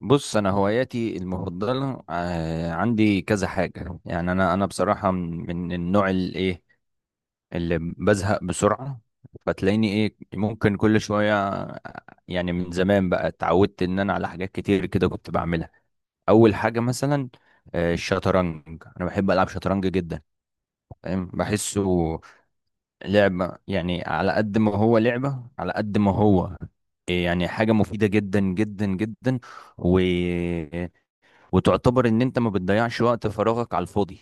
بص، انا هواياتي المفضله عندي كذا حاجه. يعني انا بصراحه من النوع الايه اللي بزهق بسرعه. فتلاقيني ايه ممكن كل شويه يعني من زمان بقى اتعودت ان انا على حاجات كتير كده كنت بعملها. اول حاجه مثلا الشطرنج. انا بحب العب شطرنج جدا. فاهم، بحسه لعبه. يعني على قد ما هو لعبه على قد ما هو يعني حاجه مفيده جدا جدا جدا. و وتعتبر ان انت ما بتضيعش وقت فراغك على الفاضي.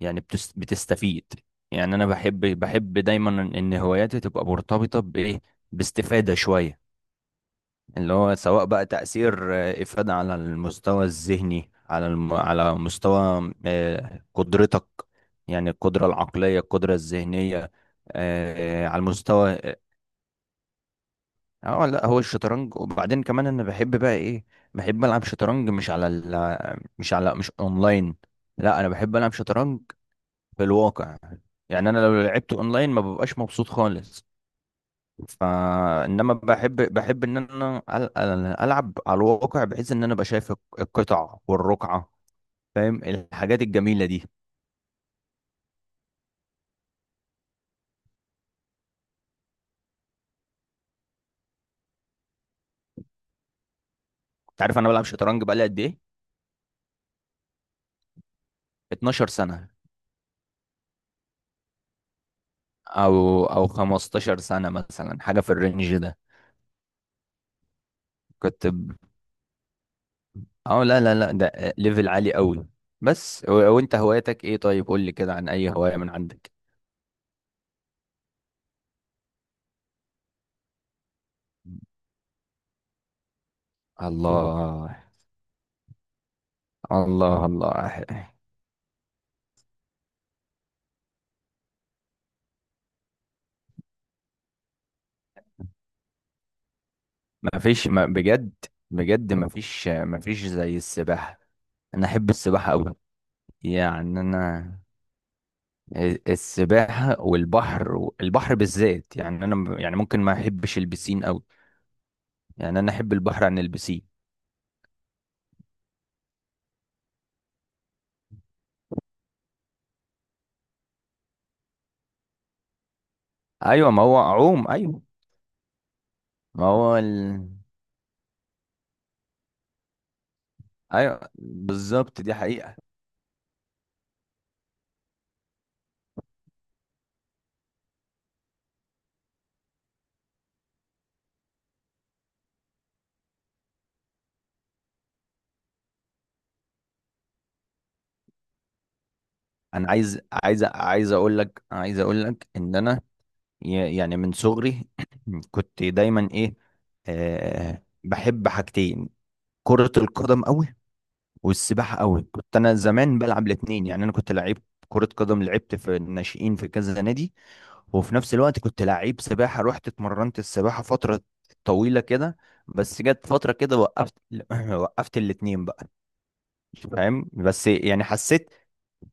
يعني بتستفيد. يعني انا بحب دايما ان هواياتي تبقى مرتبطة بايه، باستفادة شوية. اللي هو سواء بقى تأثير إفادة على المستوى الذهني، على على مستوى قدرتك. يعني القدرة العقلية، القدرة الذهنية على المستوى. اه لا، هو الشطرنج. وبعدين كمان انا بحب بقى ايه، بحب العب شطرنج، مش على ال مش على مش اونلاين. لا انا بحب العب شطرنج في الواقع. يعني انا لو لعبت اونلاين ما ببقاش مبسوط خالص. فانما بحب ان انا العب على الواقع، بحيث ان انا ابقى شايف القطع والرقعة. فاهم، الحاجات الجميلة دي. انت عارف انا بلعب شطرنج بقالي قد ايه؟ 12 سنة. او 15 سنة مثلا، حاجة في الرينج ده. كنت اه لا لا لا، ده ليفل عالي قوي. بس وانت هوايتك ايه؟ طيب قول لي كده عن اي هواية من عندك. الله، الله، الله. ما فيش، ما بجد. بجد ما فيش، ما فيش زي السباحة. انا احب السباحة قوي. يعني انا، السباحة والبحر، البحر بالذات. يعني انا يعني ممكن ما احبش البسين قوي. يعني انا احب البحر عن البسين. ايوه، ما هو اعوم، ايوه. ما هو ايوه بالظبط، دي حقيقة. انا عايز اقول لك ان انا يعني من صغري كنت دايما ايه بحب حاجتين: كرة القدم قوي، والسباحة قوي. كنت انا زمان بلعب الاتنين. يعني انا كنت لعيب كرة قدم، لعبت في الناشئين في كذا نادي. وفي نفس الوقت كنت لعيب سباحة، رحت اتمرنت السباحة فترة طويلة كده. بس جت فترة كده وقفت وقفت الاتنين بقى. فاهم، بس يعني حسيت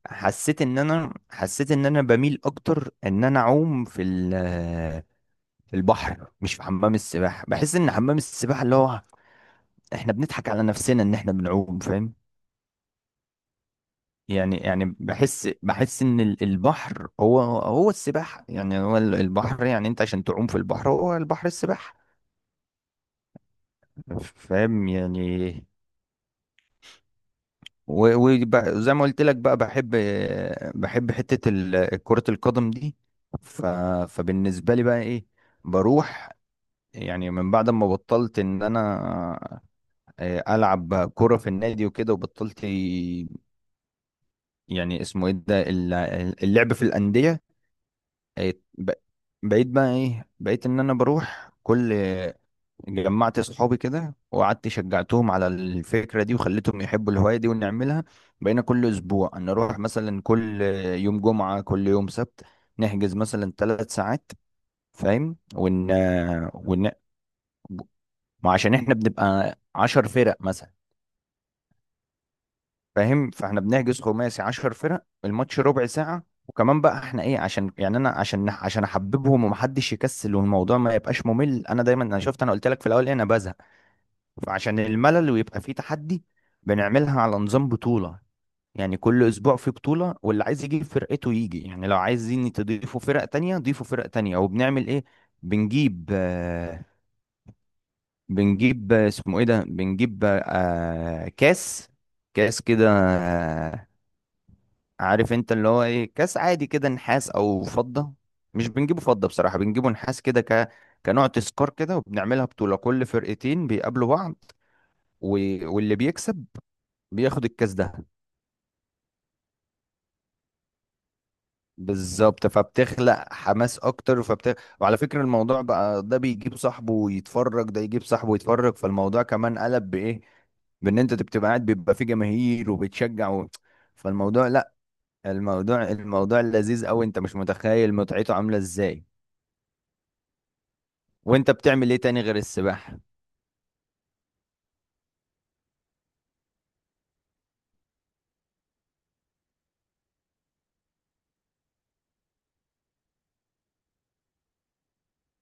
حسيت ان انا حسيت ان انا بميل اكتر ان انا اعوم في البحر مش في حمام السباحه. بحس ان حمام السباحه اللي هو احنا بنضحك على نفسنا ان احنا بنعوم. فاهم، يعني بحس ان البحر هو السباحه. يعني هو البحر. يعني انت عشان تعوم في البحر، هو البحر السباحه. فاهم يعني. وزي ما قلت لك بقى، بحب كره القدم دي. ف- فبالنسبه لي بقى ايه، بروح. يعني من بعد ما بطلت ان انا العب كوره في النادي وكده وبطلت. يعني اسمه ايه ده اللعب في الانديه. آه، ب- بقيت بقى ايه بقيت ان انا بروح كل. جمعت صحابي كده، وقعدت شجعتهم على الفكره دي، وخليتهم يحبوا الهوايه دي ونعملها. بقينا كل اسبوع ان اروح مثلا كل يوم جمعه، كل يوم سبت، نحجز مثلا 3 ساعات. فاهم، ون... وعشان احنا بنبقى 10 فرق مثلا. فاهم، فاحنا بنحجز خماسي، 10 فرق، الماتش ربع ساعة. وكمان بقى احنا ايه، عشان يعني انا عشان احببهم ومحدش يكسل والموضوع ما يبقاش ممل. انا دايما انا شفت، انا قلت لك في الاول ايه، انا بزهق. فعشان الملل ويبقى فيه تحدي، بنعملها على نظام بطولة. يعني كل اسبوع في بطولة، واللي عايز يجيب فرقته يجي. يعني لو عايزين تضيفوا فرق تانية ضيفوا فرق تانية. وبنعمل ايه، بنجيب آه بنجيب آه، اسمه ايه ده، بنجيب كاس، كاس كده. عارف انت اللي هو ايه، كاس عادي كده، نحاس او فضة. مش بنجيبه فضة بصراحة، بنجيبه نحاس كده كنوع تذكار كده. وبنعملها بطولة، كل فرقتين بيقابلوا بعض، و... واللي بيكسب بياخد الكاس ده. بالظبط، فبتخلق حماس اكتر. وعلى فكرة، الموضوع بقى ده بيجيب صاحبه ويتفرج، ده يجيب صاحبه ويتفرج. فالموضوع كمان قلب بايه، بان انت بتبقى قاعد، بيبقى في جماهير وبتشجع فالموضوع لا، الموضوع لذيذ قوي. انت مش متخيل متعته عاملة ازاي. وانت بتعمل ايه تاني غير السباحة؟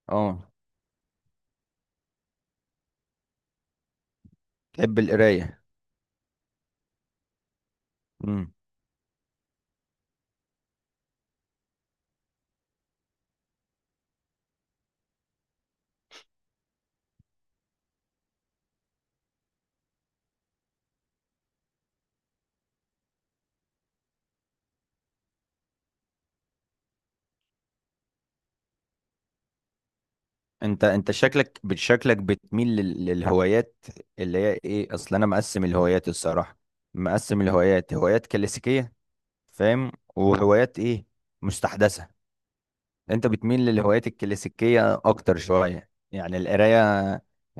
اه، تحب القراية؟ امم. انت شكلك بتميل للهوايات اللي هي ايه، اصل انا مقسم الهوايات الصراحة. مقسم الهوايات: هوايات كلاسيكية، فاهم، وهوايات ايه، مستحدثة. انت بتميل للهوايات الكلاسيكية اكتر شوية. يعني القراية.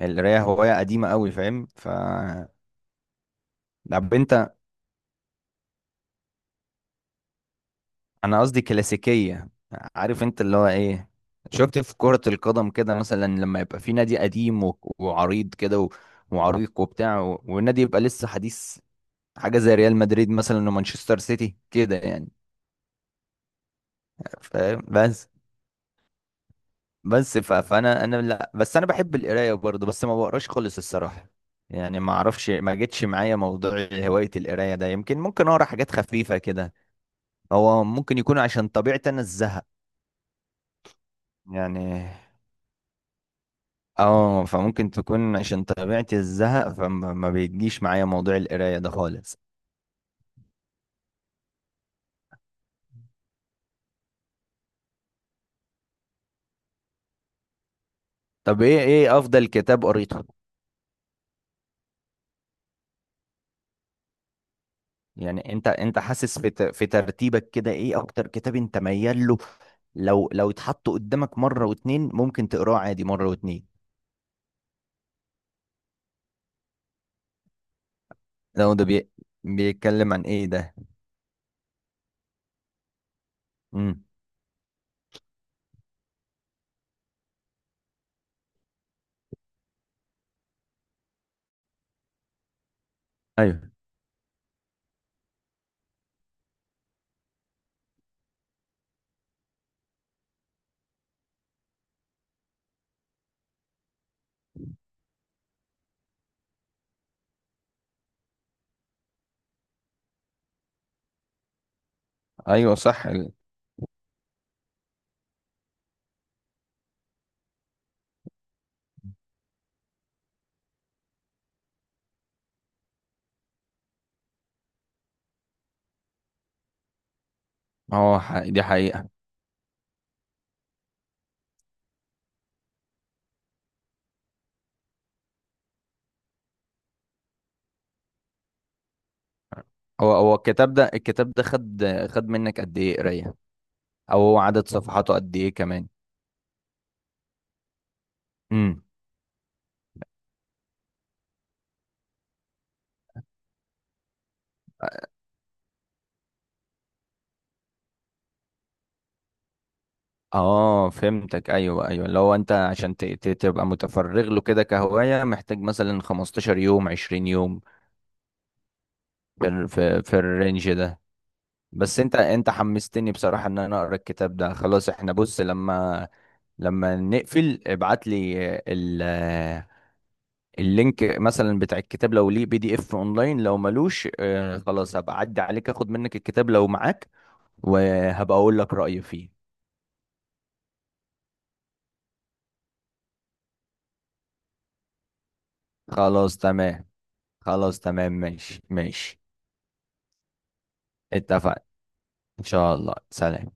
القراية هواية قديمة قوي. فاهم. طب انت، انا قصدي كلاسيكيه. عارف انت اللي هو ايه، شفت في كرة القدم كده مثلا، لما يبقى في نادي قديم وعريض كده وعريق وبتاع، والنادي يبقى لسه حديث. حاجة زي ريال مدريد مثلا، ومانشستر سيتي كده يعني. فاهم. بس بس فانا انا لا، بس انا بحب القراية برضه، بس ما بقراش خالص الصراحة. يعني ما اعرفش، ما جتش معايا موضوع هواية القراية ده. يمكن ممكن اقرا حاجات خفيفة كده. هو ممكن يكون عشان طبيعتي انا الزهق. يعني اه، فممكن تكون عشان طبيعتي الزهق. فما ما بيجيش معايا موضوع القراية ده خالص. طب، ايه افضل كتاب قريته؟ يعني انت حاسس في في ترتيبك كده ايه اكتر كتاب انت ميال له؟ لو اتحط قدامك مرة واتنين ممكن تقراه عادي مرة واتنين. لو ده بيتكلم عن ايه ده؟ امم. ايوه، ايوه صح. هو دي حقيقة. هو الكتاب ده خد منك قد ايه قراية؟ او عدد صفحاته قد ايه كمان؟ اه فهمتك. ايوه، ايوه. لو انت عشان تبقى متفرغ له كده كهواية، محتاج مثلا 15 يوم، 20 يوم. في في الرينج ده. بس انت حمستني بصراحة ان انا اقرا الكتاب ده. خلاص، احنا بص، لما نقفل ابعت لي ال اللينك مثلا بتاع الكتاب. لو ليه PDF اونلاين، لو ملوش خلاص هبقى اعدي عليك، اخد منك الكتاب لو معاك، وهبقى اقول لك رأيي فيه. خلاص تمام. خلاص تمام، ماشي ماشي. اتفق. إن شاء الله، سلام.